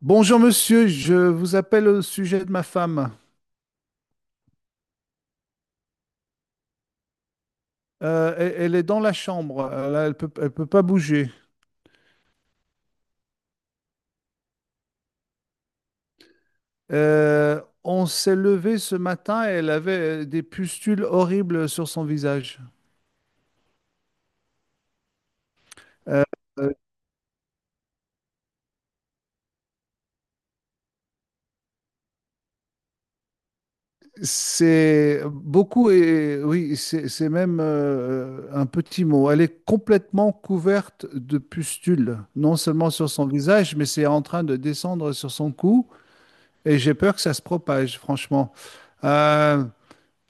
Bonjour monsieur, je vous appelle au sujet de ma femme. Elle, elle est dans la chambre, elle, elle peut pas bouger. On s'est levé ce matin et elle avait des pustules horribles sur son visage. Euh, euh, c'est beaucoup et oui, c'est même un petit mot. Elle est complètement couverte de pustules, non seulement sur son visage, mais c'est en train de descendre sur son cou et j'ai peur que ça se propage, franchement. Euh,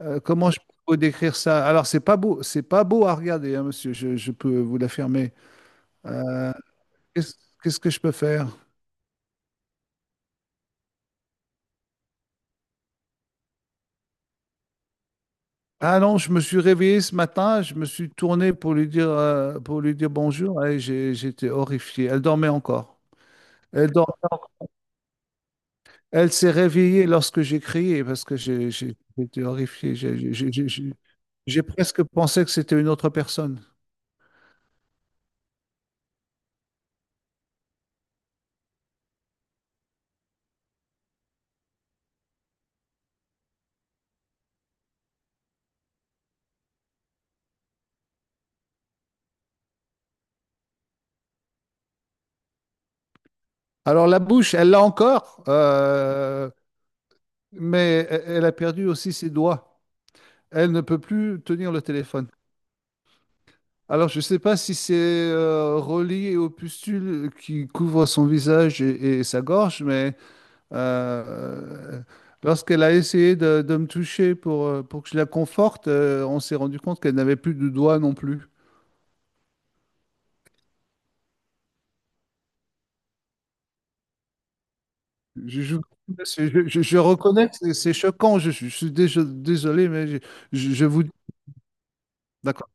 Comment je peux décrire ça? Alors, c'est pas beau à regarder, hein, monsieur, je peux vous l'affirmer. Euh, qu'est-ce, qu'est-ce que je peux faire? Ah non, je me suis réveillé ce matin, je me suis tourné pour lui dire bonjour et j'étais horrifié. Elle dormait encore. Elle, dor- Elle s'est réveillée lorsque j'ai crié parce que j'étais horrifié. J'ai presque pensé que c'était une autre personne. Alors la bouche, elle l'a encore, mais elle a perdu aussi ses doigts. Elle ne peut plus tenir le téléphone. Alors je ne sais pas si c'est relié aux pustules qui couvrent son visage et sa gorge, mais… Euh, lorsqu'elle a essayé de me toucher pour que je la conforte, on s'est rendu compte qu'elle n'avait plus de doigts non plus. Je, je- je reconnais que c'est choquant, je suis désolé, mais je vous… D'accord.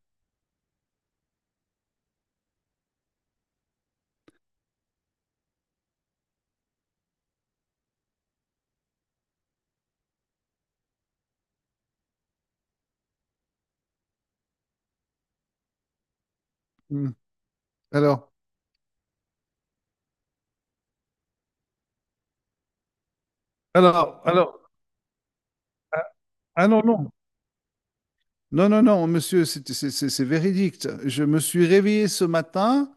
Hmm. Alors, alors, alors, ah non, non. Non, non, non, monsieur, c'est c'est véridique. Je me suis réveillé ce matin.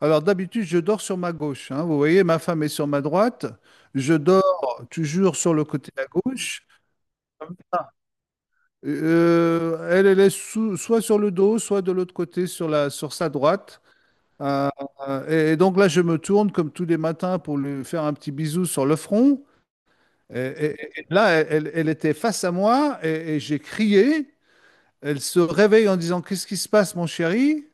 Alors d'habitude, je dors sur ma gauche, hein. Vous voyez, ma femme est sur ma droite. Je dors toujours sur le côté à gauche. Elle, elle est soit sur le dos, soit de l'autre côté, sur la, sur sa droite. Euh, et donc là, je me tourne comme tous les matins pour lui faire un petit bisou sur le front. Et, et là, elle, elle était face à moi et j'ai crié. Elle se réveille en disant, «Qu'est-ce qui se passe, mon chéri?»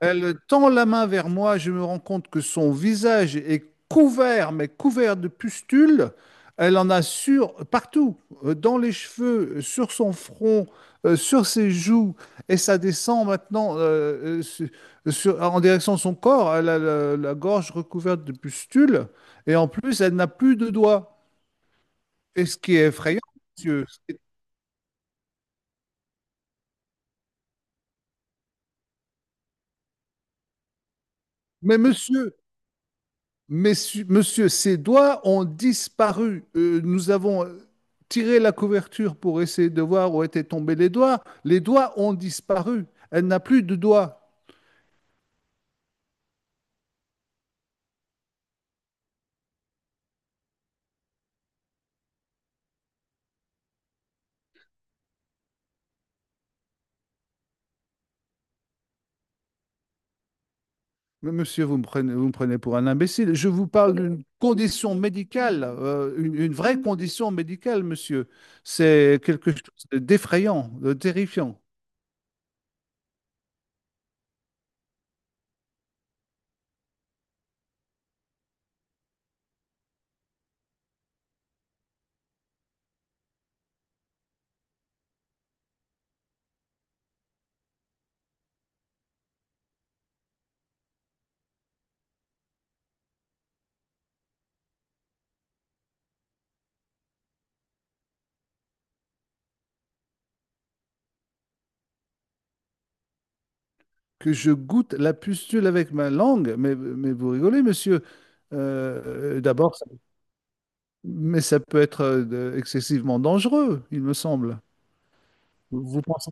Elle tend la main vers moi, je me rends compte que son visage est couvert, mais couvert de pustules. Elle en a sur partout, dans les cheveux, sur son front, sur ses joues, et ça descend maintenant en direction de son corps. Elle a la, la gorge recouverte de pustules, et en plus, elle n'a plus de doigts. Et ce qui est effrayant, monsieur, mais monsieur, monsieur, ces doigts ont disparu. Nous avons tiré la couverture pour essayer de voir où étaient tombés les doigts. Les doigts ont disparu. Elle n'a plus de doigts. Mais monsieur, vous me prenez pour un imbécile. Je vous parle d'une condition médicale, une vraie condition médicale, monsieur. C'est quelque chose d'effrayant, de terrifiant. Que je goûte la pustule avec ma langue. Mais vous rigolez, monsieur. D'abord, mais ça peut être excessivement dangereux, il me semble. Vous pensez…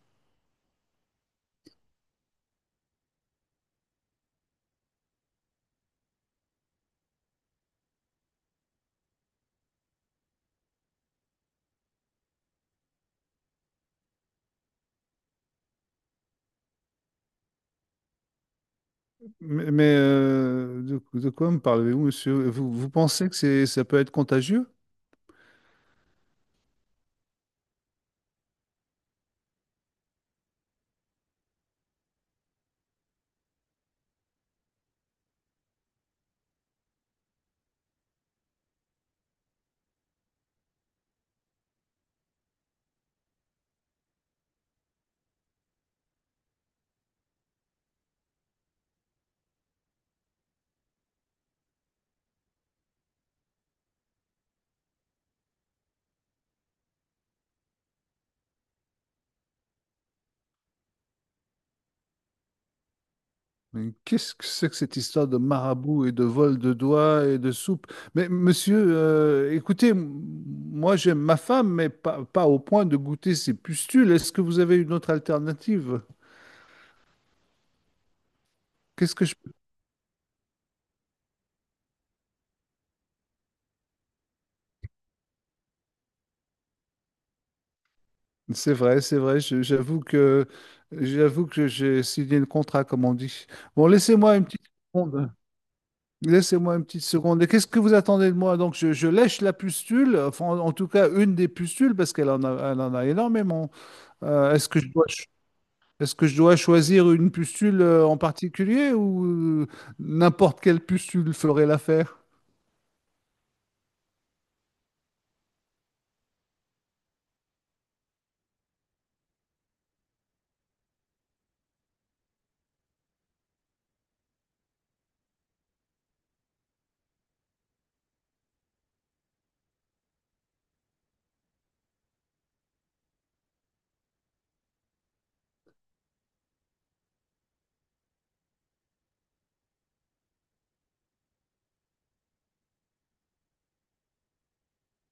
De quoi me parlez-vous, monsieur? Vous pensez que ça peut être contagieux? Mais qu'est-ce que c'est que cette histoire de marabout et de vol de doigts et de soupe? Mais monsieur, écoutez, moi j'aime ma femme, mais pas, pas au point de goûter ses pustules. Est-ce que vous avez une autre alternative? Qu'est-ce que je… c'est vrai, j'avoue que j'ai signé le contrat, comme on dit. Bon, laissez-moi une petite seconde. Laissez-moi une petite seconde. Et qu'est-ce que vous attendez de moi? Donc, je lèche la pustule, enfin, en tout cas, une des pustules, parce qu'elle en a, elle en a énormément. Euh, est-ce que je dois Est-ce que je dois choisir une pustule en particulier ou euh, n'importe quelle pustule ferait l'affaire?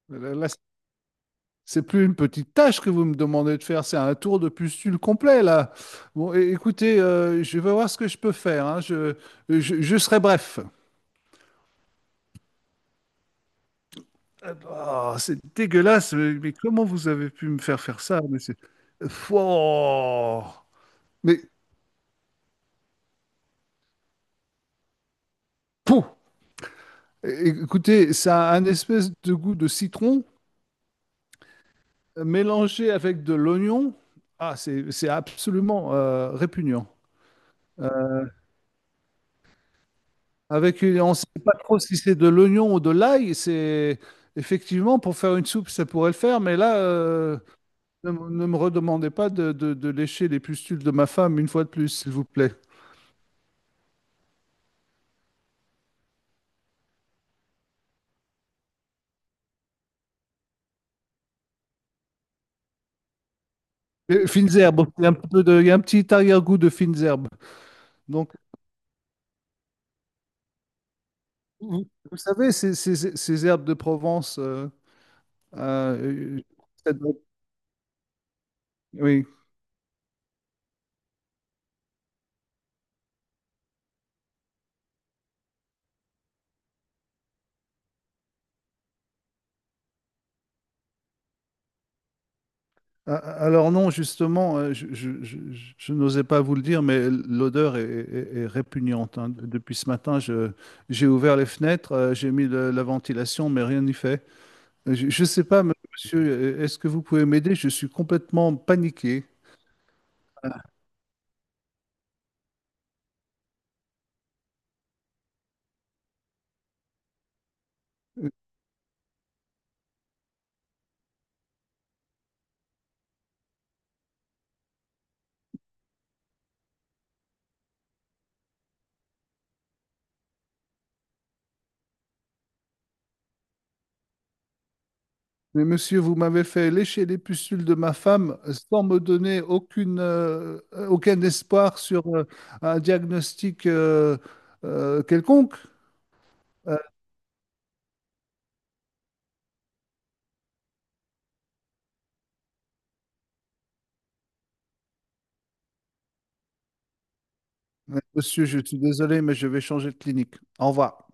Là, c'est plus une petite tâche que vous me demandez de faire, c'est un tour de pustule complet là. Bon, écoutez, je vais voir ce que je peux faire, hein. Je serai bref. Oh, c'est dégueulasse, mais comment vous avez pu me faire faire ça? Mais c'est… Pouah! Mais pouf! Écoutez, ça a un espèce de goût de citron mélangé avec de l'oignon. Ah, c'est absolument répugnant. Euh, avec on ne sait pas trop si c'est de l'oignon ou de l'ail. C'est effectivement pour faire une soupe, ça pourrait le faire, mais là, ne me redemandez pas de, de lécher les pustules de ma femme une fois de plus, s'il vous plaît. Et fines herbes, il y a un petit peu il y a un petit arrière-goût de fines herbes. Donc, vous, vous savez, ces herbes de Provence. Euh, Oui. Alors non, justement, je n'osais pas vous le dire, mais l'odeur est répugnante, hein. Depuis ce matin, j'ai ouvert les fenêtres, j'ai mis la ventilation, mais rien n'y fait. Je ne sais pas, monsieur, est-ce que vous pouvez m'aider? Je suis complètement paniqué. Euh, Mais monsieur, vous m'avez fait lécher les pustules de ma femme sans me donner aucune, aucun espoir sur un diagnostic quelconque. Monsieur, je suis désolé, mais je vais changer de clinique. Au revoir.